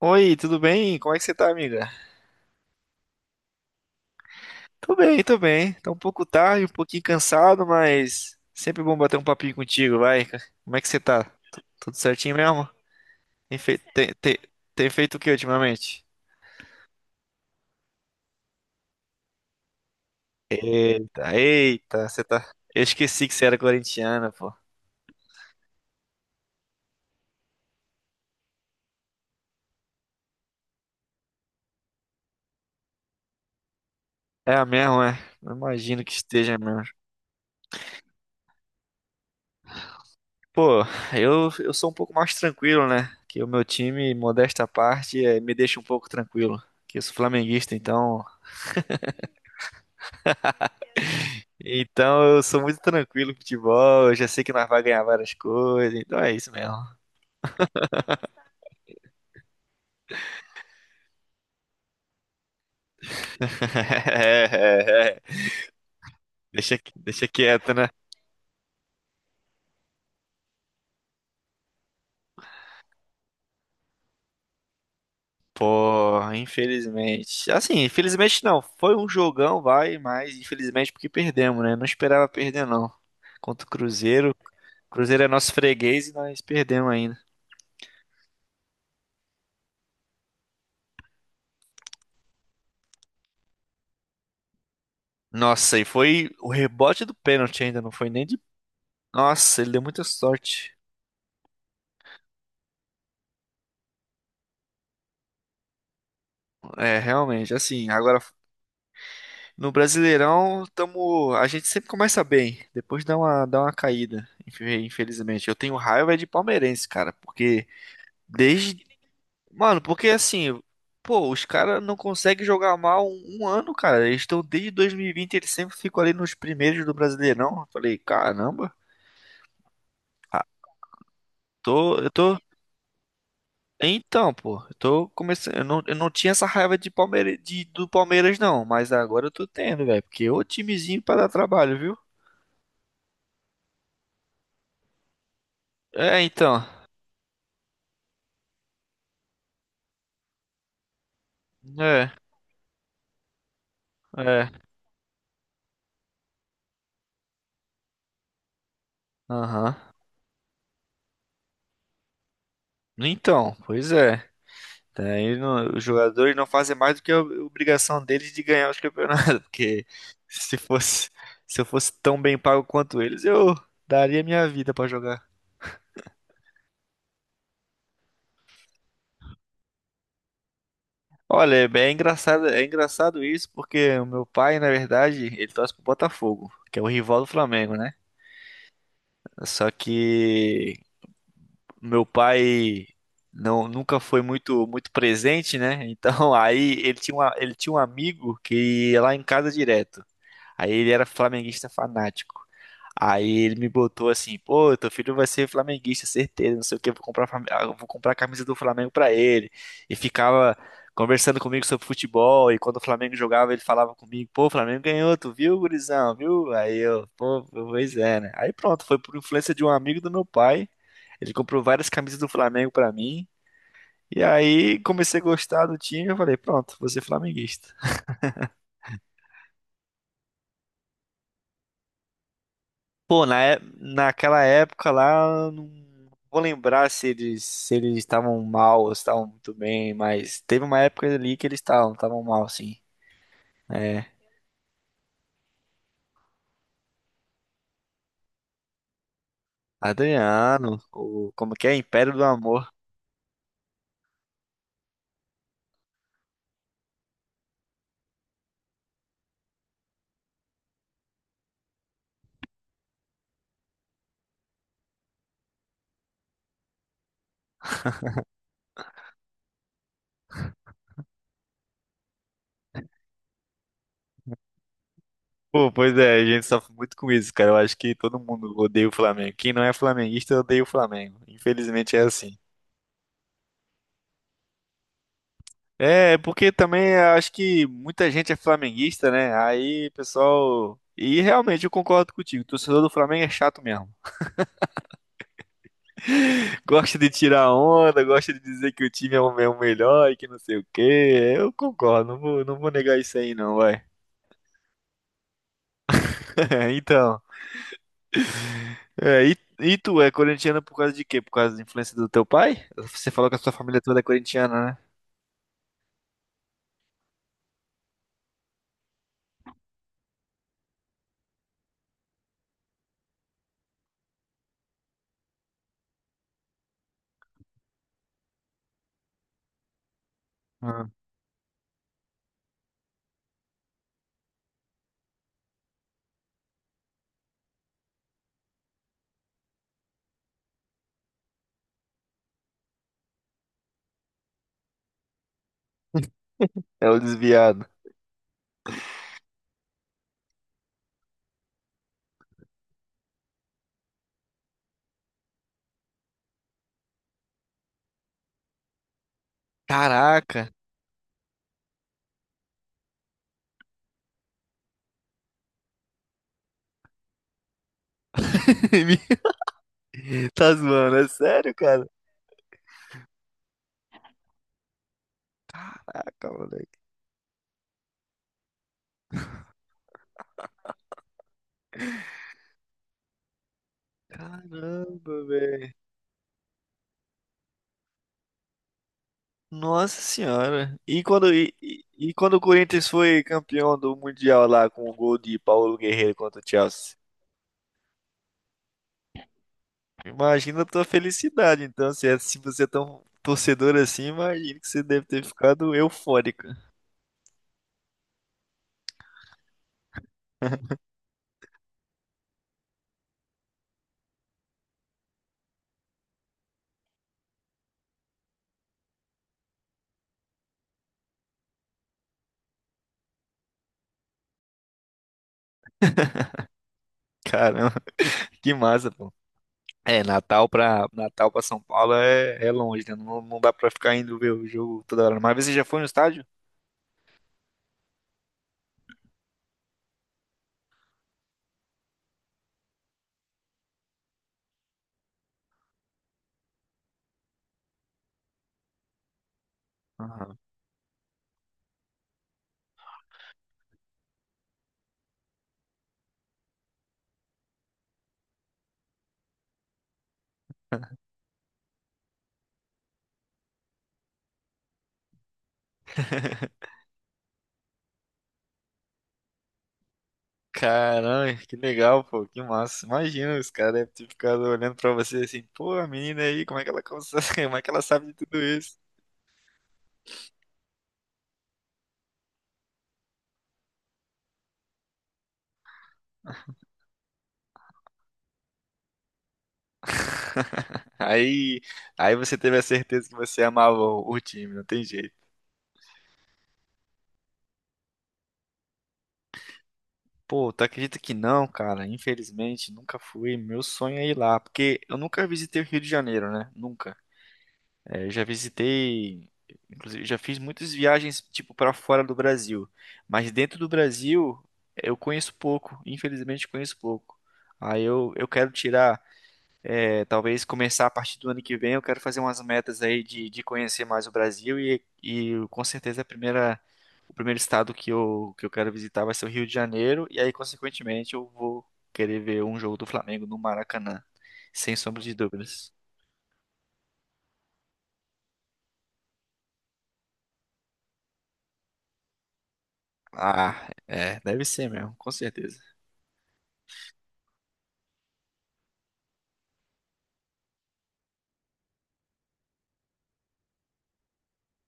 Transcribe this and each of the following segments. Oi, tudo bem? Como é que você tá, amiga? Tô bem, tô bem. Tá um pouco tarde, um pouquinho cansado, mas sempre bom bater um papinho contigo, vai. Como é que você tá? Tudo certinho mesmo? Tem feito, tem, tem- Tem feito o que ultimamente? Eita, eita, você tá. Eu esqueci que você era corintiana, pô. É mesmo, é. Eu imagino que esteja mesmo. Pô, eu sou um pouco mais tranquilo, né? Que o meu time, modesta à parte, me deixa um pouco tranquilo. Que eu sou flamenguista, então. Então eu sou muito tranquilo com futebol, eu já sei que nós vamos ganhar várias coisas, então é isso mesmo. É, é, é. Deixa, deixa quieto, né? Pô, infelizmente. Assim, infelizmente não. Foi um jogão, vai, mas infelizmente porque perdemos, né? Não esperava perder, não. Contra o Cruzeiro. O Cruzeiro é nosso freguês e nós perdemos ainda. Nossa, e foi o rebote do pênalti ainda, não foi nem de. Nossa, ele deu muita sorte. É, realmente, assim, agora. No Brasileirão, tamo, a gente sempre começa bem, depois dá uma caída, infelizmente. Eu tenho raiva de palmeirense, cara, porque desde. Mano, porque assim, pô, os caras não conseguem jogar mal um ano, cara. Eles estão desde 2020, eles sempre ficam ali nos primeiros do Brasileirão. Eu falei, caramba, ah, tô. Então, pô, eu tô começando. Eu não tinha essa raiva de Palmeira, de, do Palmeiras, não, mas agora eu tô tendo, velho, porque é o timezinho pra dar trabalho, viu? É, então. É. É, aham. Então, pois é. Daí não- Os jogadores não fazem mais do que a obrigação deles de ganhar os campeonatos, porque se fosse, se eu fosse tão bem pago quanto eles, eu daria minha vida pra jogar. Olha, é bem engraçado, é engraçado isso, porque o meu pai, na verdade, ele torce pro Botafogo, que é o rival do Flamengo, né? Só que meu pai não nunca foi muito presente, né? Então aí ele tinha uma, ele tinha um amigo que ia lá em casa direto. Aí ele era flamenguista fanático. Aí ele me botou assim, pô, teu filho vai ser flamenguista, certeza, não sei o que, vou comprar, ah, eu vou comprar a camisa do Flamengo pra ele. E ficava conversando comigo sobre futebol, e quando o Flamengo jogava, ele falava comigo, pô, o Flamengo ganhou, tu viu, gurizão, viu? Aí eu, pô, pois é, né? Aí pronto, foi por influência de um amigo do meu pai, ele comprou várias camisas do Flamengo pra mim, e aí comecei a gostar do time, eu falei, pronto, vou ser flamenguista. Pô, naquela época lá, eu não vou lembrar se eles estavam mal ou se estavam muito bem, mas teve uma época ali que eles estavam mal, sim. É, Adriano, o, como que é? Império do Amor. Pô, pois é, a gente sofre muito com isso, cara. Eu acho que todo mundo odeia o Flamengo. Quem não é flamenguista odeia o Flamengo. Infelizmente é assim. É, é porque também eu acho que muita gente é flamenguista, né? Aí, pessoal. E realmente eu concordo contigo. O torcedor do Flamengo é chato mesmo. Gosta de tirar onda, gosta de dizer que o time é o melhor e que não sei o quê. Eu concordo, não vou negar isso aí não, vai. Então, é, e tu é corintiana por causa de quê? Por causa da influência do teu pai? Você falou que a sua família toda é corintiana, né? Ah, é o desviado. Caraca! Tá zoando, é sério, cara? Ah, calma, moleque. Caramba, velho. Nossa senhora. E quando o Corinthians foi campeão do Mundial lá com o gol de Paulo Guerreiro contra o Chelsea? Imagina a tua felicidade, então, se você é tão torcedor assim, imagina que você deve ter ficado eufórico. Caramba, que massa, pô. É, Natal pra São Paulo é, é longe, né? Não, não dá pra ficar indo ver o jogo toda hora. Mas você já foi no estádio? Aham. Caramba, que legal, pô, que massa. Imagina, os caras devem ter ficado olhando pra você assim, pô, a menina aí, como é que ela consegue, como é que ela sabe de tudo isso? Aí, aí você teve a certeza que você amava o time, não tem jeito. Pô, tu acredita que não, cara? Infelizmente, nunca fui. Meu sonho é ir lá, porque eu nunca visitei o Rio de Janeiro, né? Nunca. É, eu já visitei, inclusive, já fiz muitas viagens tipo para fora do Brasil, mas dentro do Brasil eu conheço pouco, infelizmente conheço pouco. Aí eu quero tirar, é, talvez começar a partir do ano que vem, eu quero fazer umas metas aí de conhecer mais o Brasil e com certeza a primeira, o primeiro estado que eu quero visitar vai ser o Rio de Janeiro e aí consequentemente eu vou querer ver um jogo do Flamengo no Maracanã, sem sombra de dúvidas. Ah, é, deve ser mesmo, com certeza.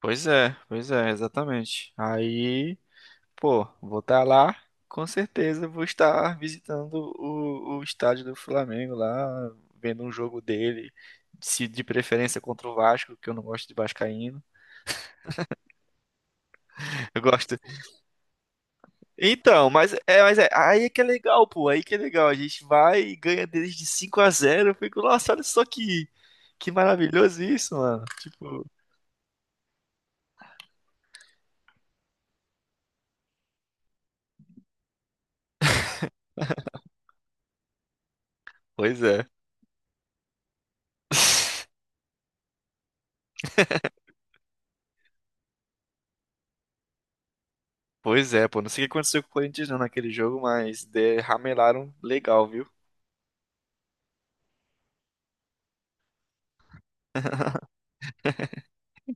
Pois é, exatamente. Aí, pô, vou estar lá, com certeza vou estar visitando o estádio do Flamengo lá, vendo um jogo dele, se de preferência contra o Vasco, que eu não gosto de vascaíno. Eu gosto. Então, mas é, aí é que é legal, pô, aí que é legal. A gente vai e ganha deles de 5 a zero. Eu fico, nossa, olha só que maravilhoso isso, mano. Tipo, pois é. Pois é, pô. Não sei o que aconteceu com o Corinthians não naquele jogo, mas derramelaram legal, viu?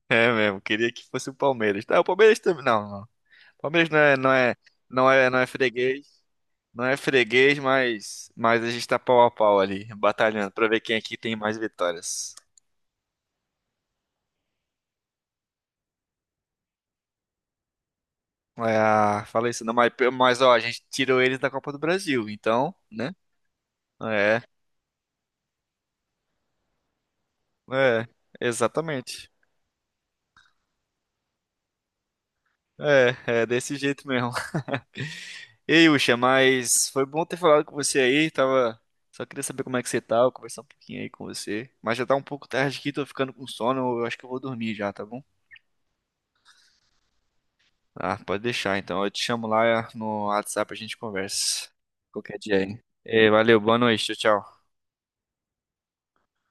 É mesmo. Queria que fosse o Palmeiras. Tá, o Palmeiras também. Não, não. O Palmeiras não é, não é, não é, não é freguês. Não é freguês, mas a gente tá pau a pau ali, batalhando pra ver quem aqui tem mais vitórias. É, ah, falei isso não, mas ó, a gente tirou eles da Copa do Brasil, então, né? É, é, exatamente. É, é desse jeito mesmo. Ei, Ucha, mas foi bom ter falado com você aí, tava... Só queria saber como é que você tá, conversar um pouquinho aí com você. Mas já tá um pouco tarde aqui, tô ficando com sono, eu acho que eu vou dormir já, tá bom? Ah, pode deixar então, eu te chamo lá no WhatsApp, a gente conversa. Qualquer dia aí. Ei, valeu, boa noite, tchau, tchau.